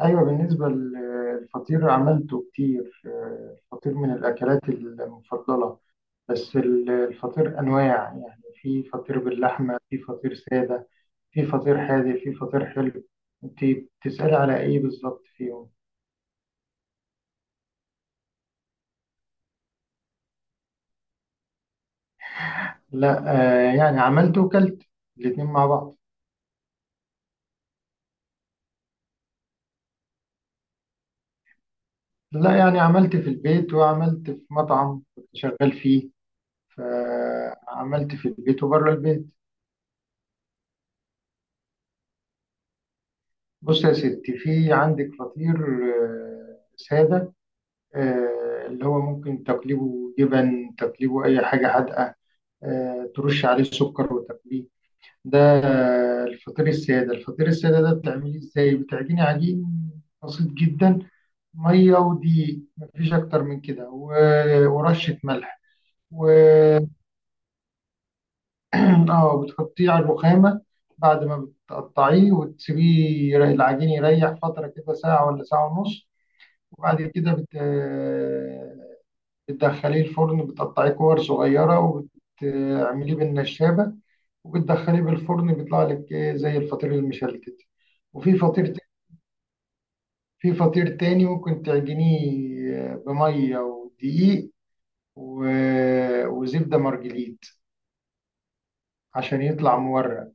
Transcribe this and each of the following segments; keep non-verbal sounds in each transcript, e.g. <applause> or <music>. أيوة، بالنسبة للفطير عملته كتير. الفطير من الأكلات المفضلة. بس الفطير أنواع، يعني في فطير باللحمة، في فطير سادة، في فطير حادق، في فطير حلو. أنت بتسألي على إيه بالظبط فيهم؟ لا. يعني عملته وكلت الاتنين مع بعض. لا، يعني عملت في البيت وعملت في مطعم كنت شغال فيه، فعملت في البيت وبره البيت. بص يا ستي، في عندك فطير سادة، اللي هو ممكن تقليبه جبن، تقليبه أي حاجة حادقة، ترش عليه السكر وتقليه. ده الفطير السادة. الفطير السادة ده بتعمليه إزاي؟ بتعجني عجين بسيط جدا: مية ودقيق، مفيش أكتر من كده ورشة ملح. و <clears throat> اه بتحطيه على الرخامة بعد ما بتقطعيه، وتسيبيه. العجين يريح فترة كده ساعة ولا ساعة ونص، وبعد كده بتدخليه الفرن، بتقطعيه كور صغيرة وبتعمليه بالنشابة، وبتدخليه بالفرن، بيطلع لك إيه زي الفطير المشلتت. وفي فطير في فطير تاني ممكن تعجنيه بمية ودقيق وزبدة مرجليت عشان يطلع مورق.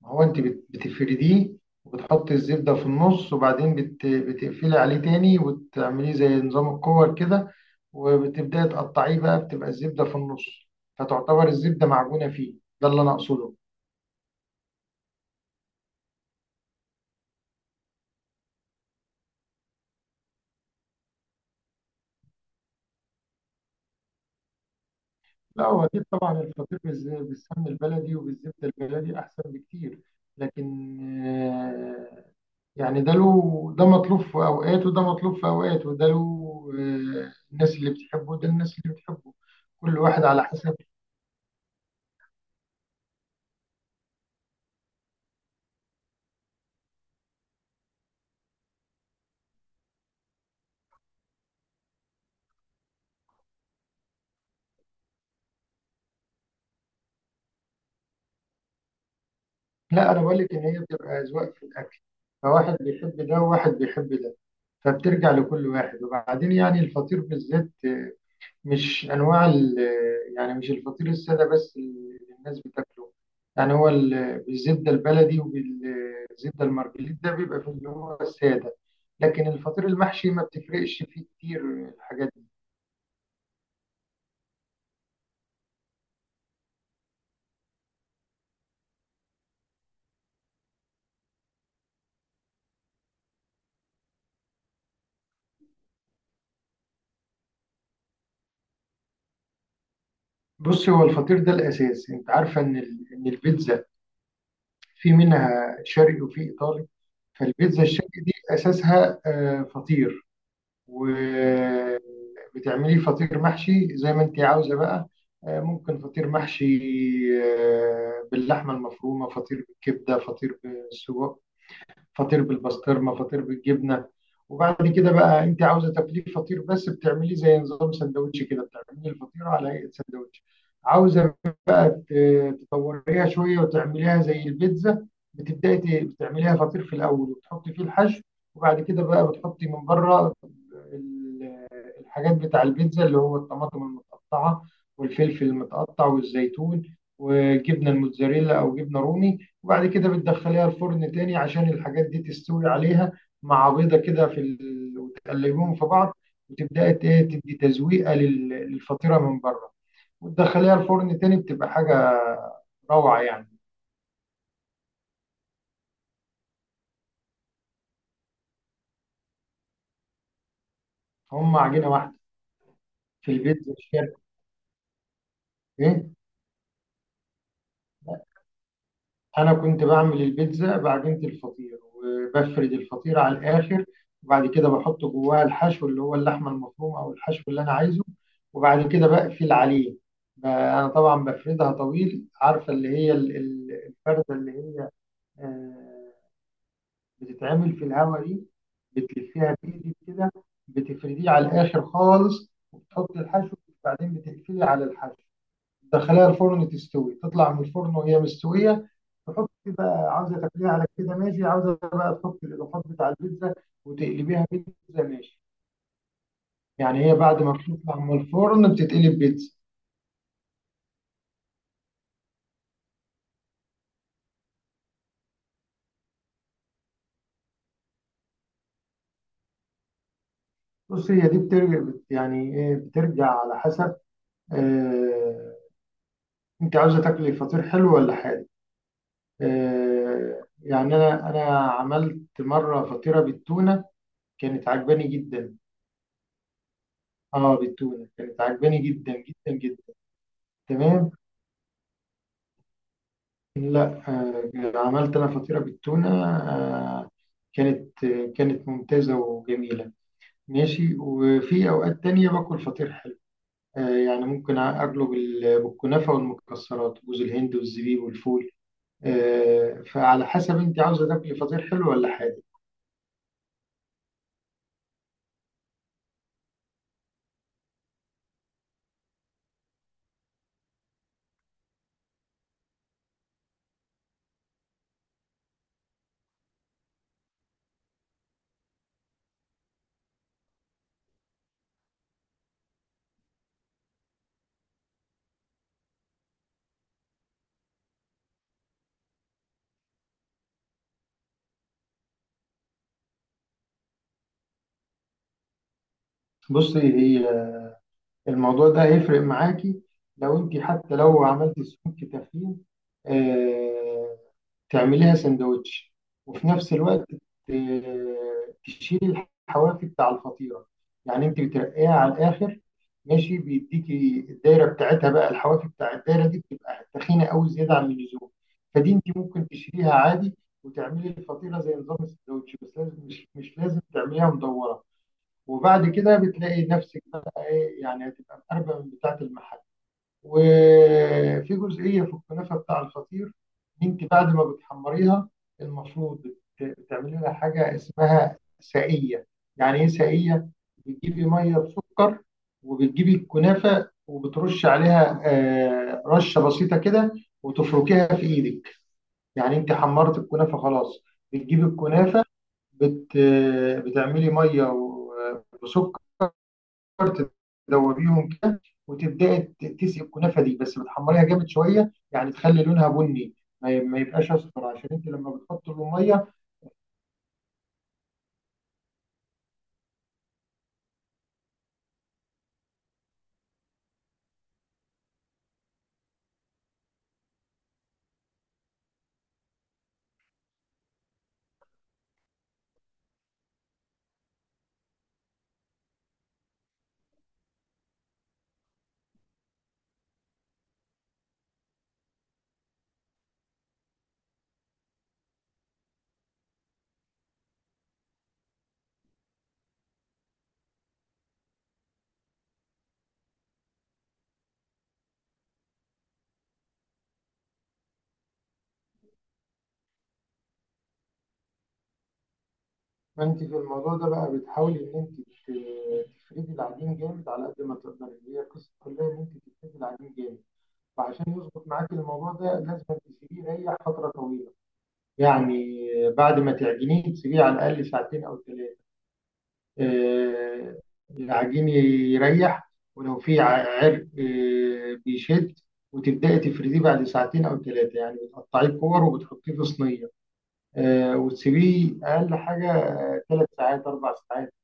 ما هو انت بتفرديه وبتحطي الزبدة في النص، وبعدين بتقفلي عليه تاني وتعمليه زي نظام الكور كده، وبتبدأي تقطعيه بقى، بتبقى الزبدة في النص، فتعتبر الزبدة معجونة فيه. ده اللي أنا أقصده. لا، هو أكيد طبعا الفطير بالسمن البلدي وبالزبدة البلدي أحسن بكتير. لكن آه، يعني ده له، ده مطلوب في أوقات وده مطلوب في أوقات، وده له الناس اللي بتحبه وده الناس اللي بتحبه. كل واحد على حسب. لا، انا بقول لك ان هي بتبقى اذواق في الاكل، فواحد بيحب ده وواحد بيحب ده، فبترجع لكل واحد. وبعدين يعني الفطير بالذات مش انواع يعني مش الفطير الساده بس اللي الناس بتاكله، يعني هو بالزبده البلدي وبالزبده المرجليت ده بيبقى في اللي هو الساده، لكن الفطير المحشي ما بتفرقش فيه كتير الحاجات دي. بصي، هو الفطير ده الاساس، انت عارفه ان ان البيتزا في منها شرقي وفي ايطالي، فالبيتزا الشرقي دي اساسها فطير، وبتعملي فطير محشي زي ما انت عاوزه بقى. ممكن فطير محشي باللحمه المفرومه، فطير بالكبده، فطير بالسجق، فطير بالبسطرمه، فطير بالجبنه. وبعد كده بقى، انت عاوزه تاكليه فطير بس، بتعمليه زي نظام سندوتش كده، بتعملي الفطيره على هيئه سندوتش. عاوزه تطوريها شويه وتعمليها زي البيتزا، بتبداي بتعمليها فطير في الاول وتحطي فيه الحشو، وبعد كده بقى بتحطي من بره ال- الحاجات بتاع البيتزا اللي هو الطماطم المتقطعه والفلفل المتقطع والزيتون، وجبنه الموتزاريلا او جبنه رومي، وبعد كده بتدخليها الفرن تاني عشان الحاجات دي تستوي عليها مع بيضه كده وتقلبيهم في بعض، وتبداي تدي تزويقه للفطيره من بره، وتدخليها الفرن تاني، بتبقى حاجه روعة يعني. هم عجينة واحدة. في البيتزا مش فاهم ايه. انا كنت بعمل البيتزا بعجينة الفطير، وبفرد الفطير على الاخر، وبعد كده بحط جواها الحشو اللي هو اللحمة المفرومة او الحشو اللي انا عايزه، وبعد كده بقفل عليه. انا طبعا بفردها طويل، عارفة اللي هي الفردة اللي هي آه، بتتعمل في الهواء دي، بتلفيها بايدك كده، بتفرديه على الاخر خالص وبتحط الحشو، وبعدين بتقفلي على الحشو، تدخليها الفرن تستوي، تطلع من الفرن وهي مستويه. تحطي بقى، عاوزه تاكليها على كده ماشي، عاوزه بقى تحطي الاضافات بتاع البيتزا وتقلبيها بيتزا، ماشي. يعني هي بعد ما بتطلع من الفرن بتتقلب بيتزا. بص، هي دي بترجع يعني ايه، بترجع على حسب آه انت عاوزه تاكلي فطير حلو ولا حادق. يعني انا عملت مره فطيره بالتونه، كانت عجباني جدا. اه بالتونه، كانت عجباني جدا جدا جدا. تمام. لا، عملت انا فطيره بالتونه، آه، كانت ممتازه وجميله، ماشي. وفي اوقات تانية باكل فطير حلو، يعني ممكن اقلب بالكنافه والمكسرات، جوز الهند والزبيب والفول. فعلى حسب انت عاوزه تاكلي فطير حلو ولا حادق. بصي، هي الموضوع ده هيفرق معاكي، لو انت حتى لو عملتي سموك تخين، آه، تعمليها سندوتش، وفي نفس الوقت تشيلي الحواف بتاع الفطيرة. يعني انت بترقيها على الاخر ماشي، بيديكي الدايرة بتاعتها، بقى الحواف بتاع الدايرة دي بتبقى تخينة قوي زيادة عن اللزوم، فدي انت ممكن تشيليها عادي وتعملي الفطيرة زي نظام السندوتش، بس لازم، مش لازم تعمليها مدورة. وبعد كده بتلاقي نفسك بقى ايه، يعني هتبقى مقربة من بتاعة المحل. وفي جزئية في الكنافة بتاع الفطير، انت بعد ما بتحمريها المفروض بتعملي لها حاجة اسمها سائية. يعني ايه سائية؟ بتجيبي مية بسكر، وبتجيبي الكنافة وبترش عليها رشة بسيطة كده وتفركيها في ايدك. يعني انت حمرت الكنافة خلاص، بتجيبي الكنافة بت... بتعملي ميه وسكر، تدوبيهم كده، وتبداي تسقي الكنافه دي. بس بتحمريها جامد شويه يعني، تخلي لونها بني، ما يبقاش اصفر، عشان انت لما بتحطي له ميه. فانت في الموضوع ده بقى بتحاولي ان انت تفردي العجين جامد على قد ما تقدري، هي القصه كلها ان انت تفردي العجين جامد. وعشان يظبط معاك الموضوع ده لازم تسيبيه يريح فتره طويله، يعني بعد ما تعجنيه تسيبيه على الاقل ساعتين او ثلاثه. آه، العجين يريح، ولو في عرق بيشد. وتبدأي تفرديه بعد ساعتين أو ثلاثة، يعني بتقطعيه كور وبتحطيه في صينية، وتسيبيه أقل حاجة 3 ساعات 4 ساعات،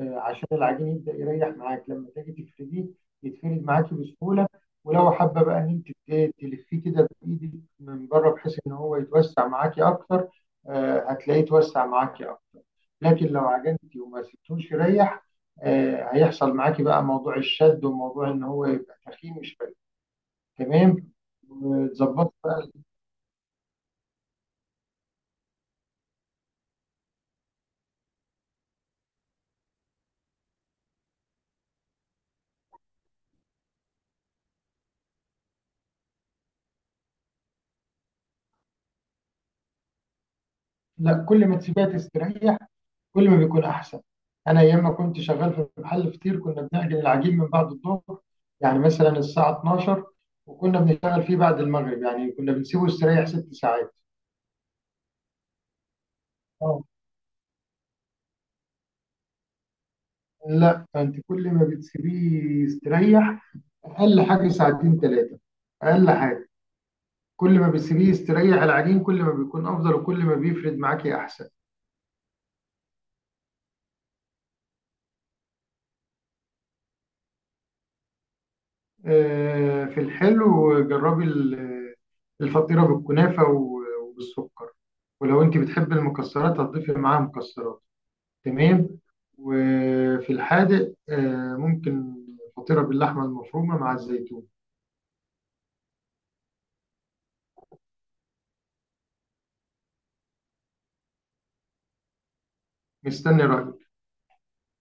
عشان العجين يبدأ يريح معاك لما تيجي تفرديه، يتفرد معاكي بسهولة. ولو حابة بقى إن أنت تلفيه كده بإيدك من بره بحيث إن هو يتوسع معاكي أكتر، هتلاقيه يتوسع معاكي أكتر. لكن لو عجنتي وما سبتوش يريح، هيحصل معاكي بقى موضوع الشد وموضوع ان هو يبقى تخين شويه. تمام، وتظبط بقى. لا، كل ما تسيبيها تستريح كل ما بيكون احسن. انا ايام ما كنت شغال في محل فطير، كنا بنعجن العجين من بعد الظهر، يعني مثلا الساعه 12، وكنا بنشتغل فيه بعد المغرب، يعني كنا بنسيبه يستريح 6 ساعات. اه. لا، انت كل ما بتسيبيه يستريح، اقل حاجه ساعتين ثلاثه، اقل حاجه. كل ما بتسيبيه يستريح العجين كل ما بيكون افضل وكل ما بيفرد معاكي احسن. في الحلو، جربي الفطيره بالكنافه وبالسكر، ولو انت بتحبي المكسرات هتضيفي معاها مكسرات. تمام. وفي الحادق ممكن فطيره باللحمه المفرومه مع الزيتون. مستني رايك.